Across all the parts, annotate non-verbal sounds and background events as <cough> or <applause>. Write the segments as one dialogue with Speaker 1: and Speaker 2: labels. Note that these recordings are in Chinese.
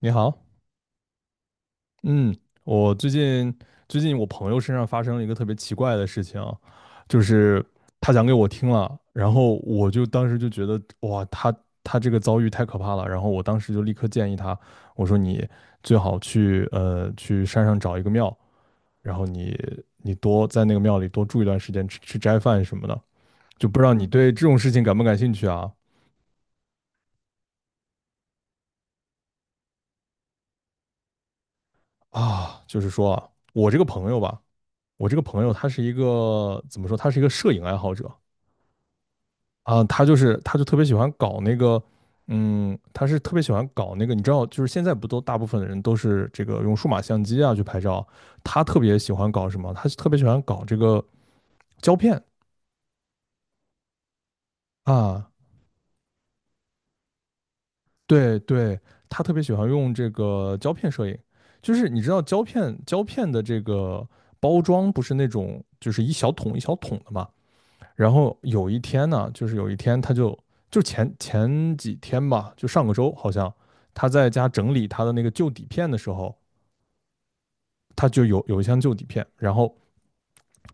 Speaker 1: 你好。嗯，我最近我朋友身上发生了一个特别奇怪的事情，就是他讲给我听了，然后我就当时就觉得哇，他这个遭遇太可怕了。然后我当时就立刻建议他，我说你最好去山上找一个庙，然后你多在那个庙里多住一段时间，吃吃斋饭什么的，就不知道你对这种事情感不感兴趣啊？啊，就是说啊，我这个朋友吧，我这个朋友他是一个，怎么说，他是一个摄影爱好者。啊，他就特别喜欢搞那个。他是特别喜欢搞那个，你知道，就是现在不都大部分的人都是这个用数码相机啊去拍照。他特别喜欢搞什么？他特别喜欢搞这个胶片。啊，对对，他特别喜欢用这个胶片摄影。就是你知道胶片的这个包装不是那种就是一小桶一小桶的嘛。然后有一天呢，就是有一天他就前几天吧，就上个周好像他在家整理他的那个旧底片的时候，他就有一箱旧底片。然后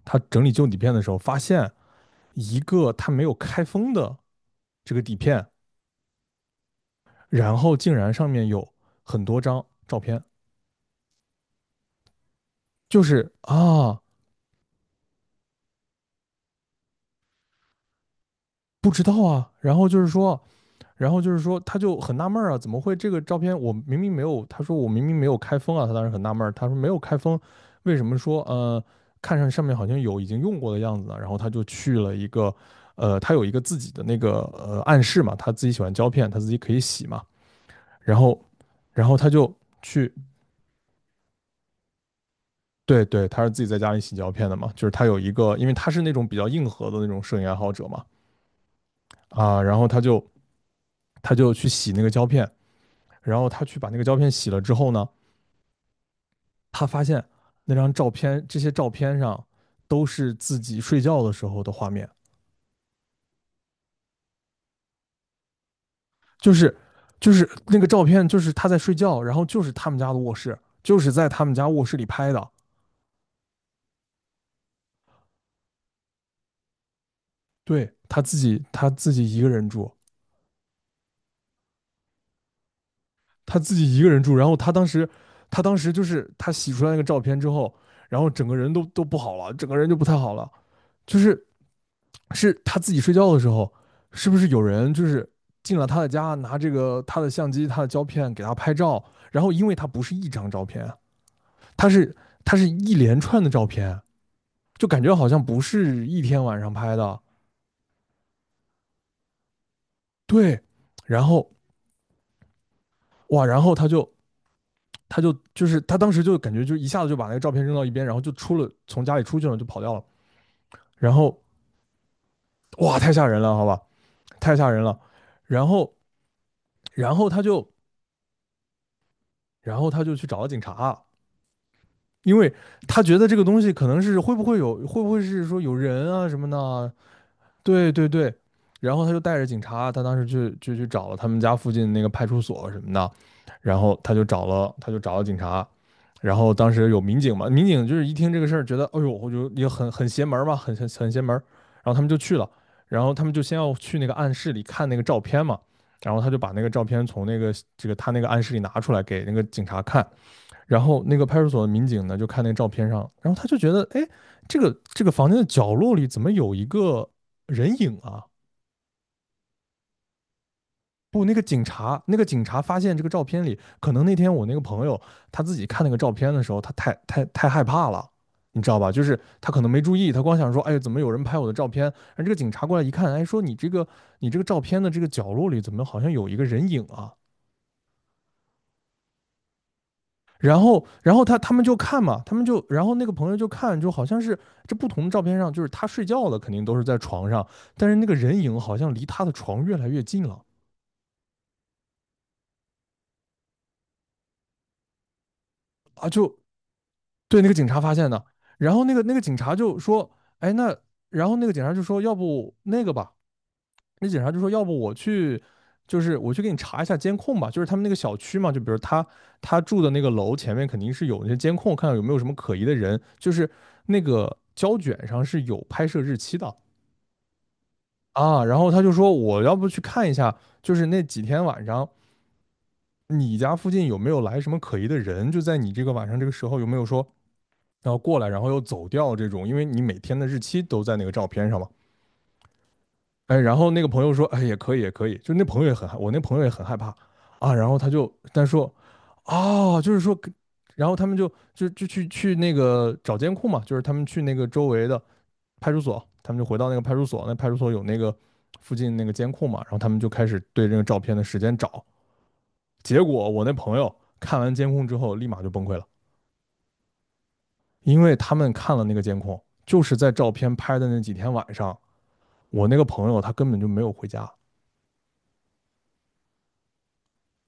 Speaker 1: 他整理旧底片的时候发现一个他没有开封的这个底片，然后竟然上面有很多张照片。就是啊，不知道啊。然后就是说，他就很纳闷儿啊，怎么会这个照片我明明没有？他说我明明没有开封啊。他当时很纳闷儿，他说没有开封，为什么说看上面好像有已经用过的样子呢？然后他就去了一个，他有一个自己的那个暗示嘛，他自己喜欢胶片，他自己可以洗嘛。然后然后他就去。对对，他是自己在家里洗胶片的嘛，就是他有一个，因为他是那种比较硬核的那种摄影爱好者嘛。啊，然后他就去洗那个胶片。然后他去把那个胶片洗了之后呢，他发现那张照片，这些照片上都是自己睡觉的时候的画面。就是就是那个照片，就是他在睡觉，然后就是他们家的卧室，就是在他们家卧室里拍的。对他自己，他自己一个人住，他自己一个人住。然后他当时，他当时就是他洗出来那个照片之后，然后整个人都不好了，整个人就不太好了。就是，是他自己睡觉的时候，是不是有人就是进了他的家，拿这个他的相机、他的胶片给他拍照？然后因为他不是一张照片啊，他是他是一连串的照片，就感觉好像不是一天晚上拍的。对。然后哇，然后他就就是他当时就感觉就一下子就把那个照片扔到一边，然后就出了从家里出去了，就跑掉了。然后哇，太吓人了，好吧，太吓人了。然后然后他就然后他就去找了警察。因为他觉得这个东西可能是会不会有，会不会是说有人啊什么的啊。对对对。然后他就带着警察，他当时就去找了他们家附近那个派出所什么的。然后他就找了警察。然后当时有民警嘛，民警就是一听这个事儿，觉得哎呦，我就也很邪门嘛，很邪门。然后他们就去了，然后他们就先要去那个暗室里看那个照片嘛。然后他就把那个照片从那个这个他那个暗室里拿出来给那个警察看。然后那个派出所的民警呢，就看那个照片上，然后他就觉得，哎，这个房间的角落里怎么有一个人影啊？不，那个警察，那个警察发现这个照片里，可能那天我那个朋友他自己看那个照片的时候，他太害怕了。你知道吧？就是他可能没注意，他光想说，哎，怎么有人拍我的照片？然后这个警察过来一看，哎，说你这个照片的这个角落里怎么好像有一个人影啊？然后，然后他们就看嘛，他们就，然后那个朋友就看，就好像是这不同的照片上，就是他睡觉了，肯定都是在床上，但是那个人影好像离他的床越来越近了。啊，就对，那个警察发现的。然后那个警察就说，哎，那然后那个警察就说，要不那个吧。那警察就说，要不我去，就是我去给你查一下监控吧。就是他们那个小区嘛，就比如他住的那个楼前面肯定是有那些监控，看看有没有什么可疑的人，就是那个胶卷上是有拍摄日期的。啊，然后他就说我要不去看一下，就是那几天晚上你家附近有没有来什么可疑的人，就在你这个晚上这个时候有没有说然后过来，然后又走掉这种，因为你每天的日期都在那个照片上嘛。哎，然后那个朋友说，哎，也可以，也可以，就那朋友也很害，我那朋友也很害怕。啊，然后他就但说，哦，就是说，然后他们就去那个找监控嘛。就是他们去那个周围的派出所，他们就回到那个派出所，那派出所有那个附近那个监控嘛，然后他们就开始对这个照片的时间找。结果我那朋友看完监控之后立马就崩溃了。因为他们看了那个监控，就是在照片拍的那几天晚上，我那个朋友他根本就没有回家，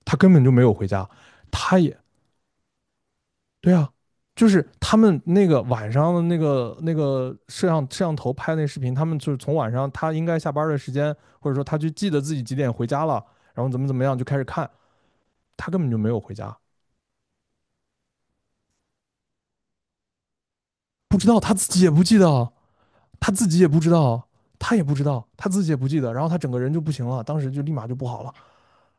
Speaker 1: 他根本就没有回家。他也。对啊。就是他们那个晚上的那个那个摄像头拍那视频，他们就是从晚上他应该下班的时间，或者说他就记得自己几点回家了，然后怎么怎么样就开始看，他根本就没有回家。不知道他自己也不记得。他自己也不知道。他也不知道，他自己也不记得。然后他整个人就不行了，当时就立马就不好了，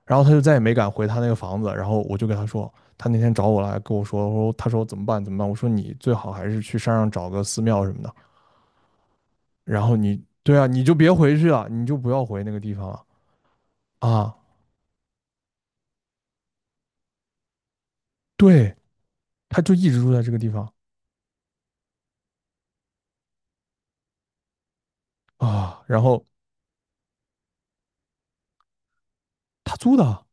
Speaker 1: 然后他就再也没敢回他那个房子。然后我就跟他说，他那天找我来跟我说，我说他说怎么办怎么办，我说你最好还是去山上找个寺庙什么的。然后你。对啊，你就别回去了，你就不要回那个地方了啊。对，他就一直住在这个地方啊。然后他租的，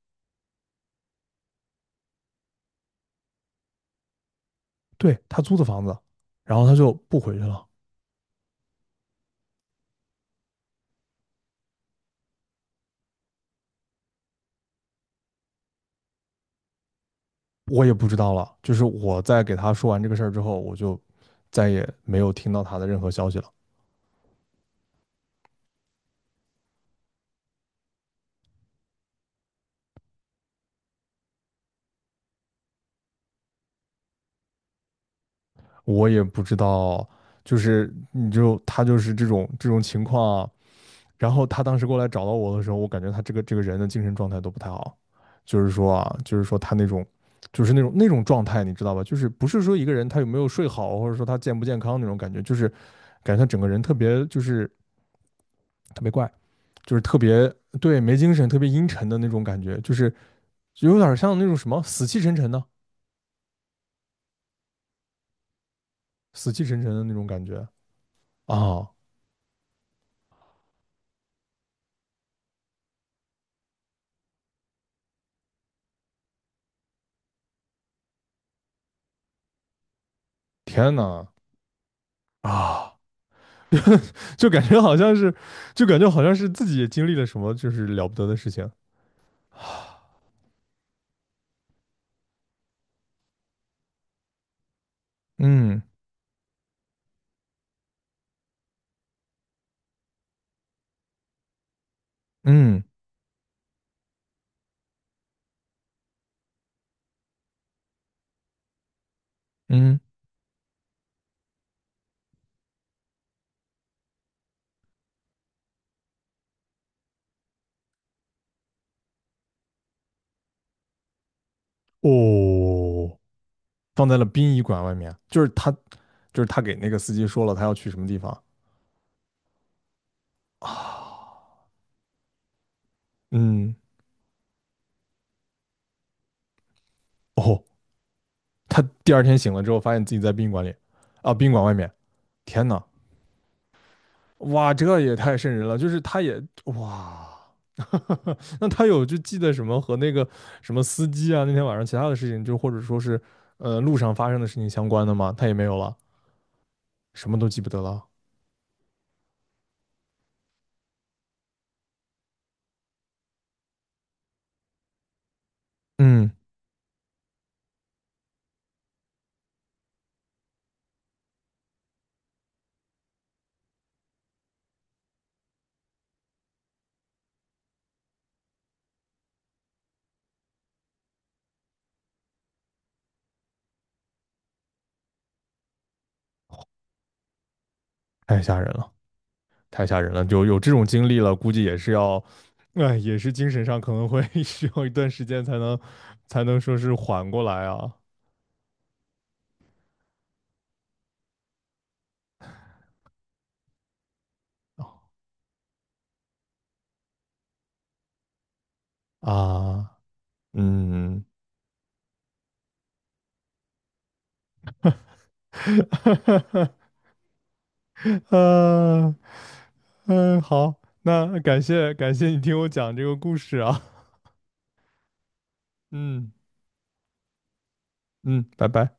Speaker 1: 对他租的房子，然后他就不回去了。我也不知道了。就是我在给他说完这个事儿之后，我就再也没有听到他的任何消息了。我也不知道，就是你就他就是这种情况啊。然后他当时过来找到我的时候，我感觉他这个人的精神状态都不太好，就是说啊，就是说他那种。就是那种状态，你知道吧？就是不是说一个人他有没有睡好，或者说他健不健康那种感觉，就是感觉他整个人特别就是特别怪。就是特别，对，没精神、特别阴沉的那种感觉。就是就有点像那种什么死气沉沉的、那种感觉啊！天呐。啊，就感觉好像是，就感觉好像是自己也经历了什么就是了不得的事情。嗯嗯嗯。哦，放在了殡仪馆外面，就是他，就是他给那个司机说了他要去什么地方啊？嗯。哦，他第二天醒了之后，发现自己在宾馆里啊，宾馆外面。天呐。哇，这也太瘆人了！就是他也哇。<laughs> 那他有就记得什么和那个什么司机啊，那天晚上其他的事情，就或者说是路上发生的事情相关的吗？他也没有了，什么都记不得了。嗯。太吓人了，太吓人了。就有这种经历了，估计也是要，哎，也是精神上可能会 <laughs> 需要一段时间才能说是缓过来啊。啊。嗯。<laughs> 呃，嗯，好，那感谢感谢你听我讲这个故事啊。嗯嗯，拜拜。